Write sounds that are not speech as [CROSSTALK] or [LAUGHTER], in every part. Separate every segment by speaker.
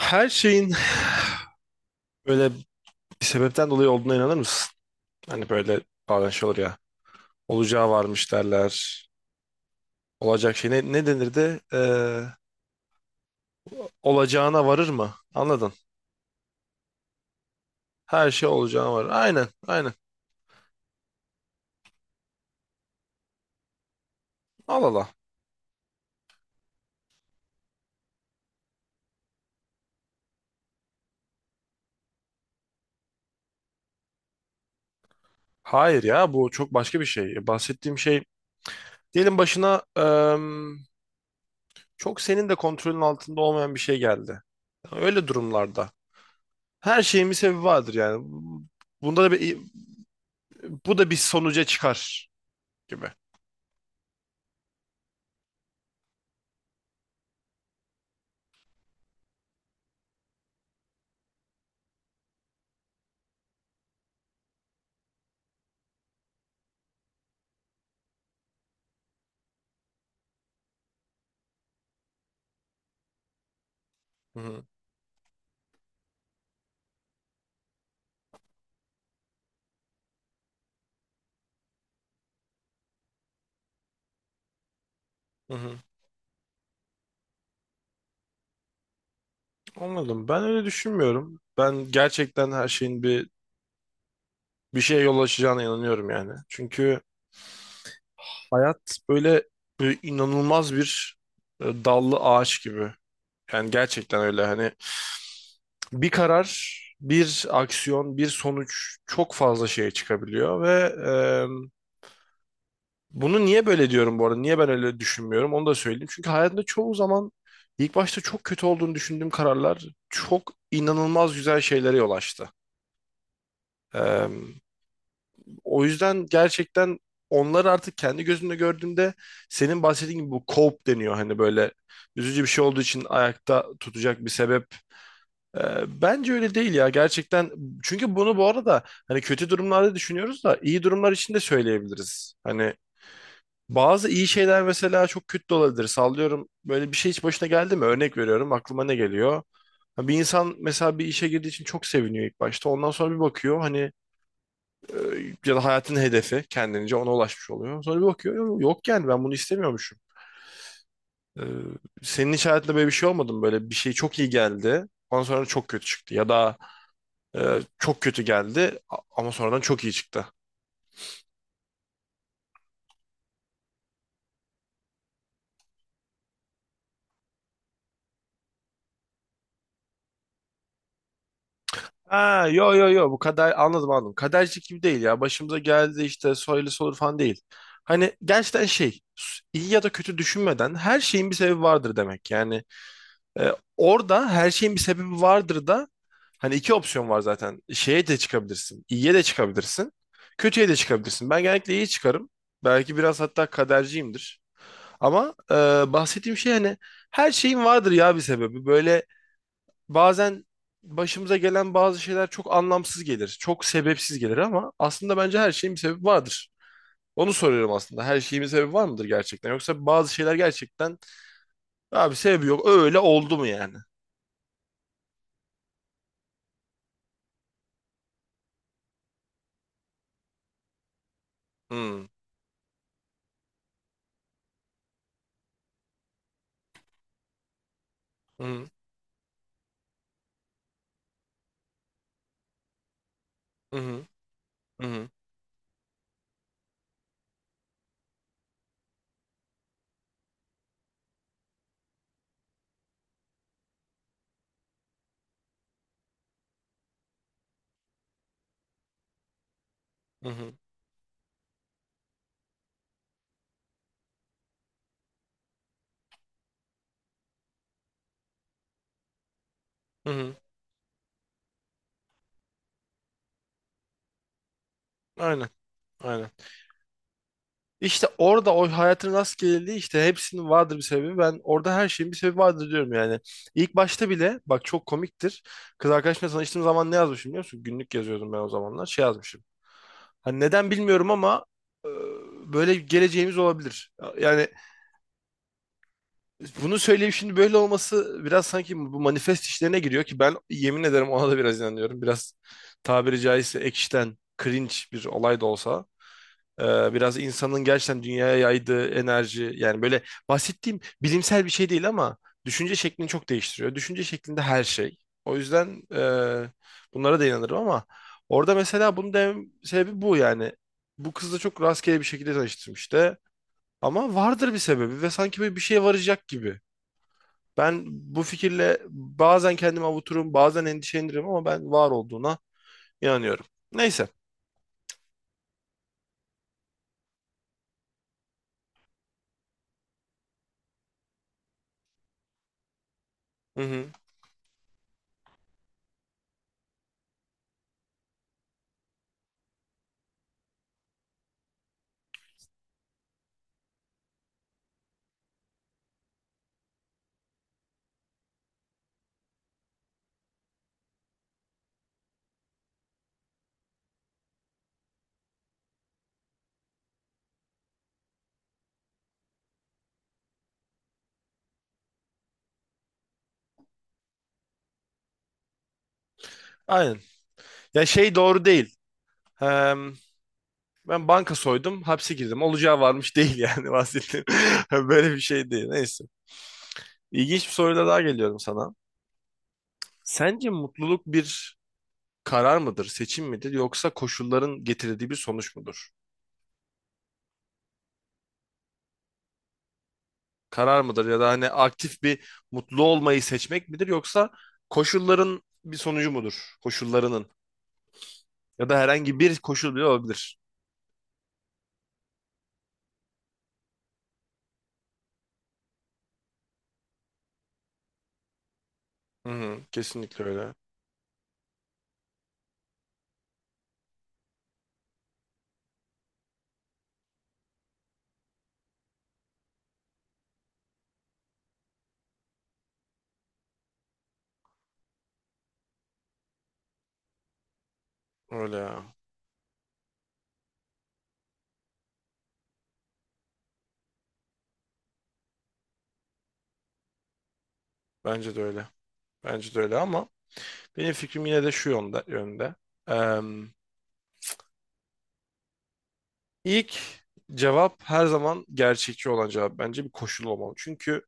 Speaker 1: Her şeyin böyle bir sebepten dolayı olduğuna inanır mısın? Hani böyle bazen şey olur ya. Olacağı varmış derler. Olacak şey ne, ne denir de olacağına varır mı? Anladın. Her şey olacağına varır. Aynen aynen. Al al Hayır ya bu çok başka bir şey. Bahsettiğim şey diyelim başına çok senin de kontrolün altında olmayan bir şey geldi. Öyle durumlarda. Her şeyin bir sebebi vardır yani. Bunda da bir, bu da bir sonuca çıkar gibi. Hı hı. Hı hı. Anladım. Ben öyle düşünmüyorum. Ben gerçekten her şeyin bir şeye yol açacağına inanıyorum yani. Çünkü hayat böyle, böyle inanılmaz bir dallı ağaç gibi. Yani gerçekten öyle hani bir karar, bir aksiyon, bir sonuç çok fazla şeye çıkabiliyor ve bunu niye böyle diyorum bu arada? Niye ben öyle düşünmüyorum? Onu da söyleyeyim. Çünkü hayatımda çoğu zaman ilk başta çok kötü olduğunu düşündüğüm kararlar çok inanılmaz güzel şeylere yol açtı. Ee, O yüzden gerçekten onları artık kendi gözümle gördüğümde senin bahsettiğin gibi bu cope deniyor. Hani böyle üzücü bir şey olduğu için ayakta tutacak bir sebep. Bence öyle değil ya. Gerçekten çünkü bunu bu arada hani kötü durumlarda düşünüyoruz da iyi durumlar için de söyleyebiliriz. Hani bazı iyi şeyler mesela çok kötü de olabilir. Sallıyorum, böyle bir şey hiç başına geldi mi? Örnek veriyorum, aklıma ne geliyor? Ha, bir insan mesela bir işe girdiği için çok seviniyor ilk başta. Ondan sonra bir bakıyor hani, ya da hayatın hedefi kendince ona ulaşmış oluyor. Sonra bir bakıyor yok yani ben bunu istemiyormuşum." Ee, Senin hiç hayatında böyle bir şey olmadı mı? Böyle bir şey çok iyi geldi. Ondan sonra çok kötü çıktı. Ya da çok kötü geldi ama sonradan çok iyi çıktı. Ha, yo yo yo, bu kadar anladım anladım. Kaderci gibi değil ya. Başımıza geldi işte, söylesi olur falan değil. Hani gerçekten şey, iyi ya da kötü düşünmeden her şeyin bir sebebi vardır demek. Yani orada her şeyin bir sebebi vardır da hani iki opsiyon var zaten. Şeye de çıkabilirsin. İyiye de çıkabilirsin. Kötüye de çıkabilirsin. Ben genellikle iyi çıkarım. Belki biraz hatta kaderciyimdir. Ama bahsettiğim şey hani her şeyin vardır ya bir sebebi. Böyle bazen başımıza gelen bazı şeyler çok anlamsız gelir. Çok sebepsiz gelir ama aslında bence her şeyin bir sebebi vardır. Onu soruyorum aslında. Her şeyin bir sebebi var mıdır gerçekten? Yoksa bazı şeyler gerçekten abi sebebi yok, öyle oldu mu yani? Hmm. Hı hı hı hı hı hı hı. Aynen. Aynen. İşte orada o hayatın rastgeleliği, işte hepsinin vardır bir sebebi. Ben orada her şeyin bir sebebi vardır diyorum yani. İlk başta bile bak, çok komiktir. Kız arkadaşımla tanıştığım zaman ne yazmışım biliyor musun? Günlük yazıyordum ben o zamanlar. Şey yazmışım. Hani neden bilmiyorum ama e, böyle geleceğimiz olabilir. Yani bunu söyleyip şimdi böyle olması biraz sanki bu manifest işlerine giriyor ki ben yemin ederim ona da biraz inanıyorum. Biraz tabiri caizse ekşiden cringe bir olay da olsa. Biraz insanın gerçekten dünyaya yaydığı enerji yani, böyle bahsettiğim bilimsel bir şey değil ama düşünce şeklini çok değiştiriyor. Düşünce şeklinde her şey. O yüzden bunlara da inanırım ama orada mesela bunun dem sebebi bu yani. Bu kızla çok rastgele bir şekilde tanıştım işte. Ama vardır bir sebebi ve sanki böyle bir şeye varacak gibi. Ben bu fikirle bazen kendimi avuturum, bazen endişelenirim ama ben var olduğuna inanıyorum. Neyse. Hı hı. Aynen. Ya şey doğru değil. Ben banka soydum, hapse girdim. Olacağı varmış değil yani [LAUGHS] bahsettiğim. [LAUGHS] Böyle bir şey değil. Neyse. İlginç bir soruyla daha geliyorum sana. Sence mutluluk bir karar mıdır, seçim midir, yoksa koşulların getirdiği bir sonuç mudur? Karar mıdır ya da hani aktif bir mutlu olmayı seçmek midir, yoksa koşulların bir sonucu mudur? Koşullarının, ya da herhangi bir koşul bile olabilir. Hı hı, kesinlikle öyle. Öyle ya. Bence de öyle. Bence de öyle ama benim fikrim yine de şu yönde. İlk cevap, her zaman gerçekçi olan cevap, bence bir koşul olmalı. Çünkü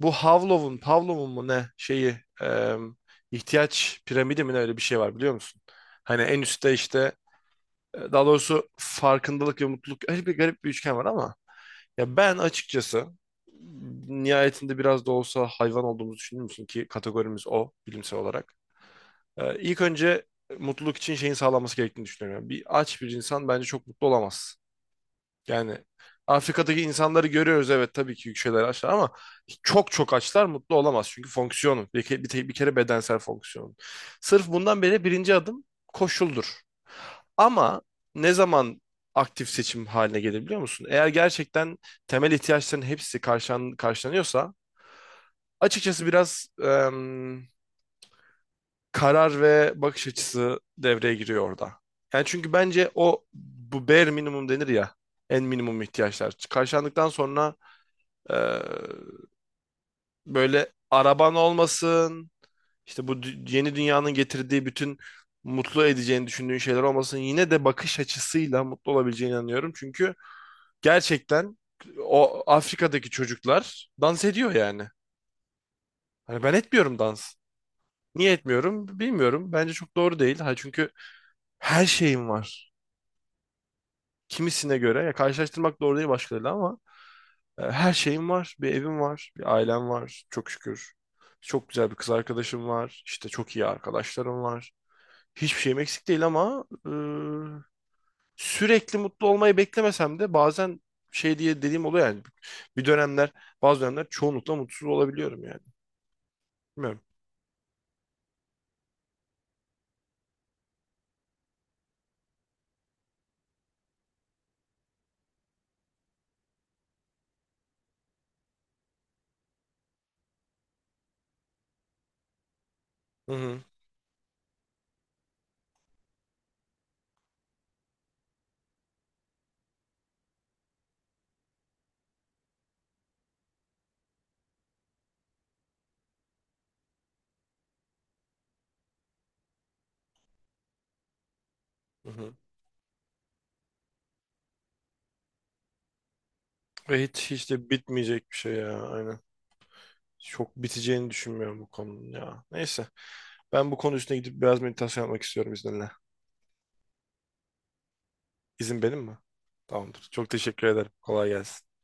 Speaker 1: bu Havlov'un, Pavlov'un mu ne şeyi, e, ihtiyaç piramidi mi, ne, öyle bir şey var biliyor musun? Hani en üstte işte daha doğrusu farkındalık ve mutluluk, öyle bir garip bir üçgen var ama ya ben açıkçası nihayetinde biraz da olsa hayvan olduğumuzu düşündüğüm için, ki kategorimiz o bilimsel olarak. İlk önce mutluluk için şeyin sağlanması gerektiğini düşünüyorum. Yani bir aç bir insan bence çok mutlu olamaz. Yani Afrika'daki insanları görüyoruz, evet tabii ki yükselir açlar ama çok çok açlar mutlu olamaz. Çünkü fonksiyonu bir, ke- bir, te- bir kere bedensel fonksiyonu. Sırf bundan beri birinci adım koşuldur. Ama ne zaman aktif seçim haline gelir biliyor musun? Eğer gerçekten temel ihtiyaçların hepsi karşılanıyorsa, açıkçası biraz karar ve bakış açısı devreye giriyor orada. Yani çünkü bence o, bu bare minimum denir ya, en minimum ihtiyaçlar karşılandıktan sonra Ee, böyle araban olmasın, işte bu yeni dünyanın getirdiği bütün mutlu edeceğini düşündüğün şeyler olmasın, yine de bakış açısıyla mutlu olabileceğine inanıyorum. Çünkü gerçekten o Afrika'daki çocuklar dans ediyor yani. Hani ben etmiyorum dans. Niye etmiyorum bilmiyorum. Bence çok doğru değil. Ha çünkü her şeyim var. Kimisine göre, ya, karşılaştırmak doğru değil başkalarıyla ama her şeyim var. Bir evim var, bir ailem var çok şükür. Çok güzel bir kız arkadaşım var. İşte çok iyi arkadaşlarım var. Hiçbir şeyim eksik değil ama sürekli mutlu olmayı beklemesem de bazen şey diye dediğim oluyor yani. Bir dönemler, bazı dönemler çoğunlukla mutsuz olabiliyorum yani. Bilmiyorum. Hı hı, hı hı. Ve hiç hiç de bitmeyecek bir şey ya. Aynen. Çok biteceğini düşünmüyorum bu konunun ya. Neyse. Ben bu konu üstüne gidip biraz meditasyon yapmak istiyorum izninle. İzin benim mi? Tamamdır. Çok teşekkür ederim. Kolay gelsin.